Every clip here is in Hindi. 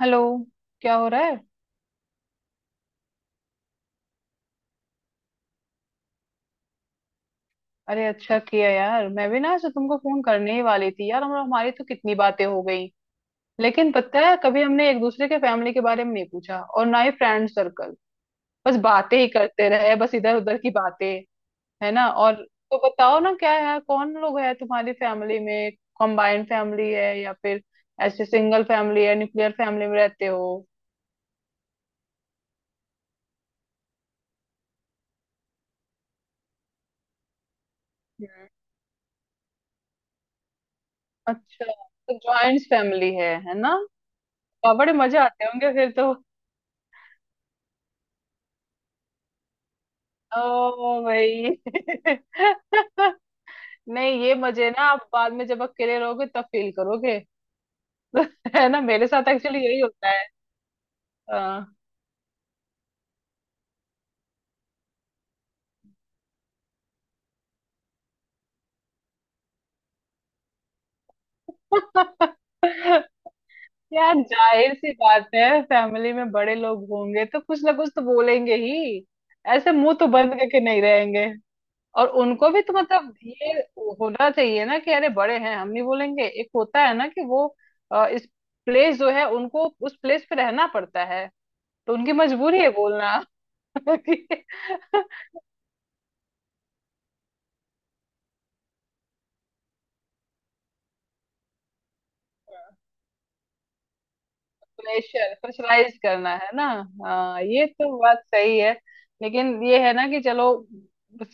हेलो। क्या हो रहा है? अरे अच्छा किया यार, मैं भी ना ऐसे तुमको फोन करने ही वाली थी यार। हम हमारी तो कितनी बातें हो गई लेकिन पता है, कभी हमने एक दूसरे के फैमिली के बारे में नहीं पूछा, और ना ही फ्रेंड सर्कल। बस बातें ही करते रहे, बस इधर उधर की बातें। है ना? और तो बताओ ना, क्या है? कौन लोग है तुम्हारी फैमिली में? कंबाइंड फैमिली है, या फिर ऐसे सिंगल फैमिली है, न्यूक्लियर फैमिली में रहते हो? हम्म। अच्छा, तो ज्वाइंट फैमिली है ना? वाह, बड़े मजे आते होंगे फिर तो। ओ भाई नहीं, ये मजे ना आप बाद में जब अकेले रहोगे तब फील करोगे। है ना, मेरे साथ एक्चुअली यही होता है। हाँ। यार जाहिर सी बात है, फैमिली में बड़े लोग होंगे तो कुछ ना कुछ तो बोलेंगे ही। ऐसे मुंह तो बंद करके नहीं रहेंगे। और उनको भी तो मतलब ये होना चाहिए ना, कि अरे बड़े हैं, हम नहीं बोलेंगे। एक होता है ना कि वो इस प्लेस जो है, उनको उस प्लेस पे रहना पड़ता है। तो उनकी मजबूरी है बोलना। कि प्रेशर, प्रेशराइज करना, है ना? हाँ, ये तो बात सही है। लेकिन ये है ना कि चलो,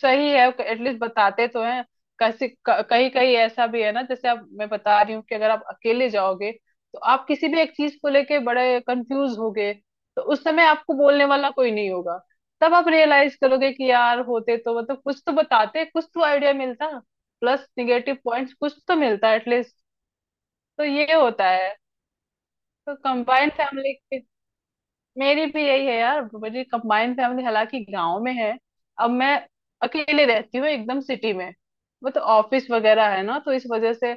सही है, एटलीस्ट बताते तो हैं। कैसे कहीं कहीं ऐसा भी है ना, जैसे आप, मैं बता रही हूँ, कि अगर आप अकेले जाओगे तो आप किसी भी एक चीज को लेके बड़े कंफ्यूज होगे। तो उस समय आपको बोलने वाला कोई नहीं होगा। तब आप रियलाइज करोगे कि यार होते तो मतलब कुछ तो बताते, कुछ तो आइडिया मिलता, प्लस निगेटिव पॉइंट्स कुछ तो मिलता एटलीस्ट। तो ये होता है। तो कंबाइंड फैमिली, मेरी भी यही है यार, मेरी कंबाइंड फैमिली, हालांकि गांव में है। अब मैं अकेले रहती हूँ एकदम सिटी में। वो तो ऑफिस वगैरह है ना, तो इस वजह से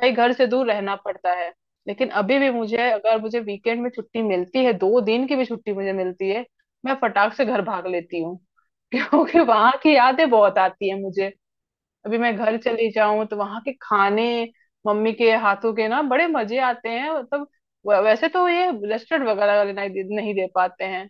भाई घर से दूर रहना पड़ता है। लेकिन अभी भी मुझे, अगर मुझे वीकेंड में छुट्टी मिलती है, दो दिन की भी छुट्टी मुझे मिलती है, मैं फटाक से घर भाग लेती हूँ। क्योंकि वहां की यादें बहुत आती है मुझे। अभी मैं घर चली जाऊं तो वहां के खाने, मम्मी के हाथों के ना बड़े मजे आते हैं, मतलब वैसे तो ये रेस्टोरेंट वगैरह वाले नहीं दे पाते हैं।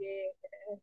ये। हाँ,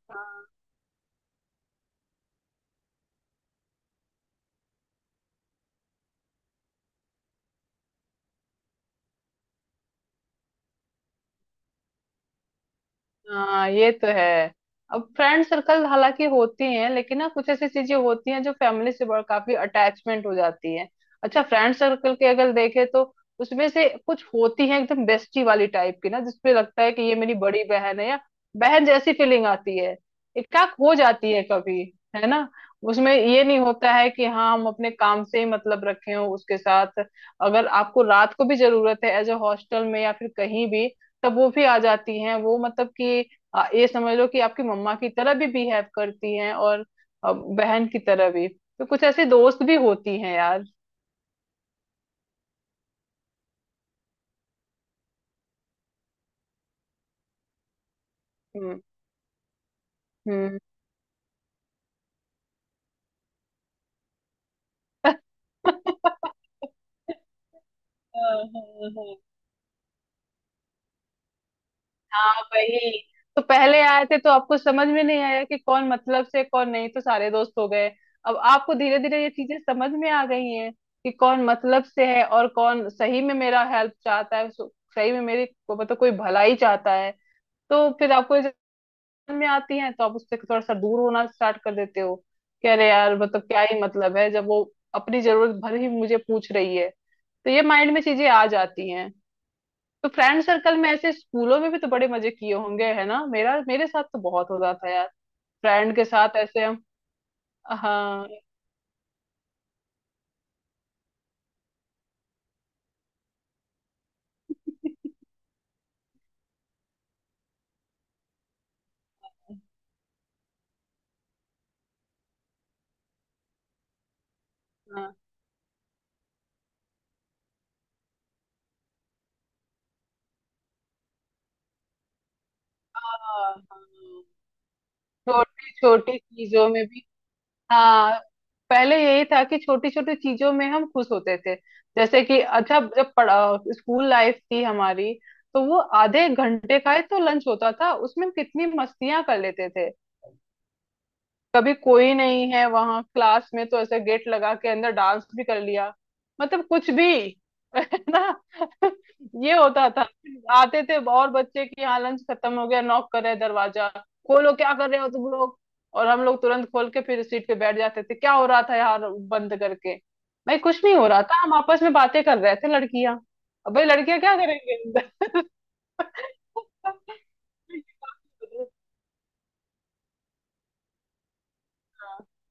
हाँ, ये तो है। अब फ्रेंड सर्कल हालांकि होती हैं, लेकिन ना कुछ ऐसी चीजें होती हैं जो फैमिली से बड़ा काफी अटैचमेंट हो जाती है। अच्छा, फ्रेंड सर्कल के अगर देखे तो उसमें से कुछ होती है एकदम बेस्टी वाली टाइप की ना, जिसपे लगता है कि ये मेरी बड़ी बहन है, या बहन जैसी फीलिंग आती है। इकट्ठा हो जाती है कभी, है ना। उसमें ये नहीं होता है कि हाँ हम अपने काम से ही मतलब रखे हो उसके साथ। अगर आपको रात को भी जरूरत है, एज अ हॉस्टल में या फिर कहीं भी, तब वो भी आ जाती हैं। वो मतलब कि ये समझ लो कि आपकी मम्मा की तरह भी बिहेव करती हैं, और बहन की तरह भी। तो कुछ ऐसे दोस्त भी होती हैं यार। हम्म हम्म। हाँ, हाँ, हाँ। हाँ, वही। तो पहले आए थे तो आपको समझ में नहीं आया कि कौन मतलब से, कौन नहीं, तो सारे दोस्त हो गए। अब आपको धीरे धीरे ये चीजें समझ में आ गई हैं कि कौन मतलब से है और कौन सही में मेरा हेल्प चाहता है, सही में मेरी मतलब कोई भलाई चाहता है। तो फिर आपको में आती हैं, तो आप उससे थोड़ा सा दूर होना स्टार्ट कर देते हो। कह रहे यार मतलब क्या ही मतलब है, जब वो अपनी जरूरत भर ही मुझे पूछ रही है। तो ये माइंड में चीजें आ जाती हैं। तो फ्रेंड सर्कल में ऐसे, स्कूलों में भी तो बड़े मजे किए होंगे, है ना? मेरा मेरे साथ तो बहुत होता था यार, फ्रेंड के साथ ऐसे। हम, हाँ। हाँ, हाँ, हाँ। छोटी छोटी चीजों में भी, हाँ। पहले यही था कि छोटी छोटी चीजों में हम खुश होते थे। जैसे कि अच्छा, जब पढ़ा स्कूल लाइफ थी हमारी, तो वो आधे घंटे का ही तो लंच होता था, उसमें हम कितनी मस्तियां कर लेते थे। कभी कोई नहीं है वहां क्लास में, तो ऐसे गेट लगा के अंदर डांस भी कर लिया, मतलब कुछ भी। है ना। ये होता था। आते थे और बच्चे की यहाँ लंच खत्म हो गया, नॉक कर रहे हैं दरवाजा, खोलो क्या कर रहे हो तुम लोग। और हम लोग तुरंत खोल के फिर सीट पे बैठ जाते थे, क्या हो रहा था यार बंद करके? भाई कुछ नहीं हो रहा था, हम आपस में बातें कर रहे थे लड़कियां। अब भाई लड़कियां क्या करेंगे अंदर?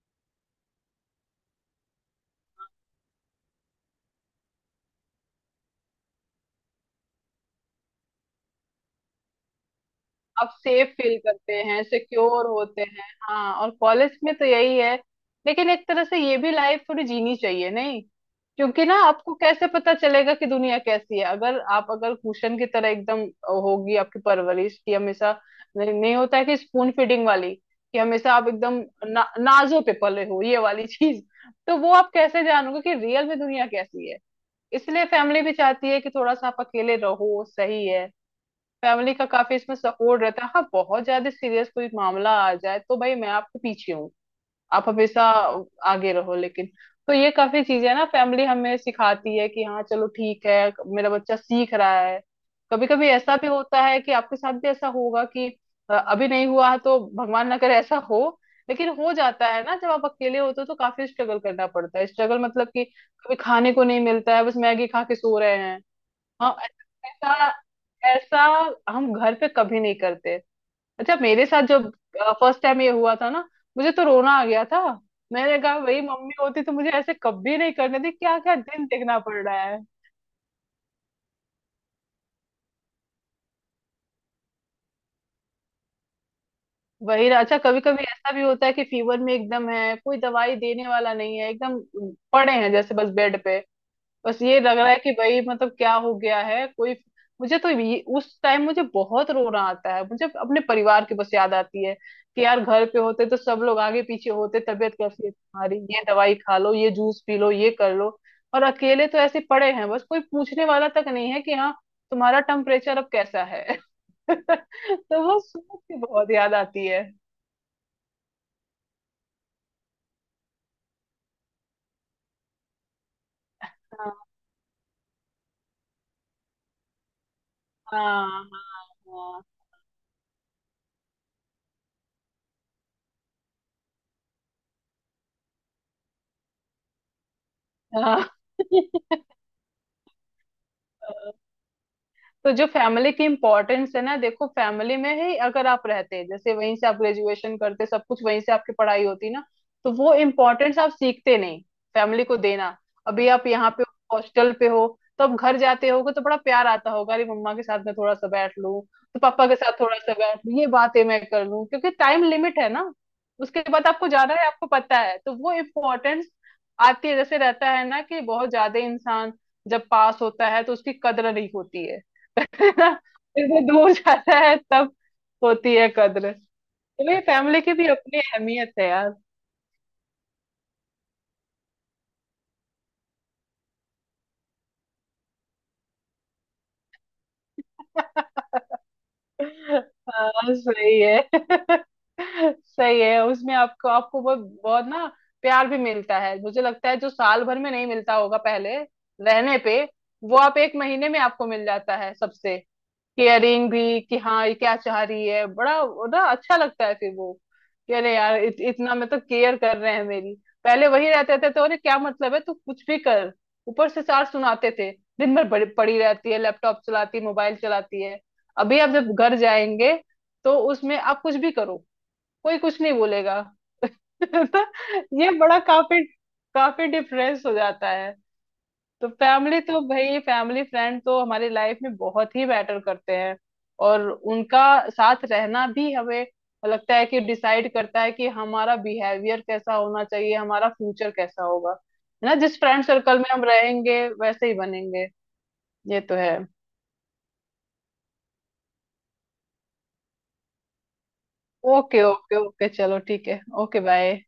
आप सेफ फील करते हैं, सिक्योर होते हैं। हाँ, और कॉलेज में तो यही है। लेकिन एक तरह से ये भी लाइफ थोड़ी जीनी चाहिए, नहीं? क्योंकि ना, आपको कैसे पता चलेगा कि दुनिया कैसी है, अगर आप, अगर कुशन की तरह एकदम होगी आपकी परवरिश की हमेशा। नहीं, नहीं होता है कि स्पून फीडिंग वाली, कि हमेशा आप एकदम नाजों पे पले हो, ये वाली चीज। तो वो आप कैसे जानोगे कि रियल में दुनिया कैसी है। इसलिए फैमिली भी चाहती है कि थोड़ा सा आप अकेले रहो, सही है। फैमिली का काफी इसमें सपोर्ट रहता है। हाँ, बहुत ज्यादा सीरियस कोई मामला आ जाए तो भाई मैं आपके पीछे हूँ। आप हमेशा आगे रहो, लेकिन। तो ये काफी चीजें है ना, फैमिली हमें सिखाती है कि हाँ चलो ठीक है, मेरा बच्चा सीख रहा है। कभी कभी ऐसा भी होता है कि आपके साथ भी ऐसा होगा कि अभी नहीं हुआ है, तो भगवान ना करे ऐसा हो। लेकिन हो जाता है ना, जब आप अकेले होते हो तो काफी स्ट्रगल करना पड़ता है। स्ट्रगल मतलब कि कभी खाने को नहीं मिलता है, बस मैगी खा के सो रहे हैं। हाँ, ऐसा ऐसा हम घर पे कभी नहीं करते। अच्छा मेरे साथ जब फर्स्ट टाइम ये हुआ था ना, मुझे तो रोना आ गया था। मैंने कहा वही, मम्मी होती तो मुझे ऐसे कभी नहीं करने दी, क्या क्या दिन देखना पड़ रहा है। वही ना, अच्छा कभी कभी ऐसा भी होता है कि फीवर में एकदम है, कोई दवाई देने वाला नहीं है, एकदम पड़े हैं जैसे बस बेड पे। बस ये लग रहा है कि भाई मतलब क्या हो गया है, कोई। उस टाइम मुझे बहुत रोना आता है, मुझे अपने परिवार की बस याद आती है कि यार घर पे होते तो सब लोग आगे पीछे होते, तबीयत कैसी है तुम्हारी, ये दवाई खा लो, ये जूस पी लो, ये कर लो। और अकेले तो ऐसे पड़े हैं, बस कोई पूछने वाला तक नहीं है कि हाँ तुम्हारा टेम्परेचर अब कैसा है। तो वो सोच के बहुत याद आती है। हाँ, हाँ, हाँ, हाँ, हाँ। तो जो फैमिली की इम्पोर्टेंस है ना, देखो फैमिली में ही अगर आप रहते, जैसे वहीं से आप ग्रेजुएशन करते, सब कुछ वहीं से आपकी पढ़ाई होती ना, तो वो इम्पोर्टेंस आप सीखते नहीं फैमिली को देना। अभी आप यहाँ पे हॉस्टल पे हो, तो आप घर जाते होगे तो बड़ा प्यार आता होगा, अरे मम्मा के साथ मैं थोड़ा सा बैठ लूँ, तो पापा के साथ थोड़ा सा बैठ लूँ, ये बातें मैं कर लूँ, क्योंकि टाइम लिमिट है ना। उसके बाद आपको जाना है, आपको पता है, तो वो इम्पोर्टेंस आती है। जैसे रहता है ना कि बहुत ज्यादा, इंसान जब पास होता है तो उसकी कदर नहीं होती है। फिर वो दूर जाता है तब होती है कद्र। चलिए, फैमिली की भी अपनी अहमियत है यार। हाँ सही है। सही है। उसमें आपको आपको बहुत बहुत ना प्यार भी मिलता है, मुझे लगता है जो साल भर में नहीं मिलता होगा पहले रहने पे, वो आप एक महीने में आपको मिल जाता है सबसे। केयरिंग भी कि हाँ ये क्या चाह रही है, बड़ा बड़ा अच्छा लगता है फिर वो, कि अरे यार इतना मतलब केयर कर रहे हैं मेरी। पहले वही रहते थे तो अरे क्या मतलब है, तू कुछ भी कर, ऊपर से चार सुनाते थे, दिन भर बड़ी पड़ी रहती है, लैपटॉप चलाती है, मोबाइल चलाती है। अभी आप जब घर जाएंगे, तो उसमें आप कुछ भी करो, कोई कुछ नहीं बोलेगा। तो ये बड़ा काफी काफी डिफरेंस हो जाता है। तो फैमिली तो भाई, फैमिली फ्रेंड तो हमारी लाइफ में बहुत ही मैटर करते हैं। और उनका साथ रहना भी, हमें लगता है कि डिसाइड करता है कि हमारा बिहेवियर कैसा होना चाहिए, हमारा फ्यूचर कैसा होगा। है ना, जिस फ्रेंड सर्कल में हम रहेंगे वैसे ही बनेंगे। ये तो है। ओके ओके ओके, चलो ठीक है, ओके बाय।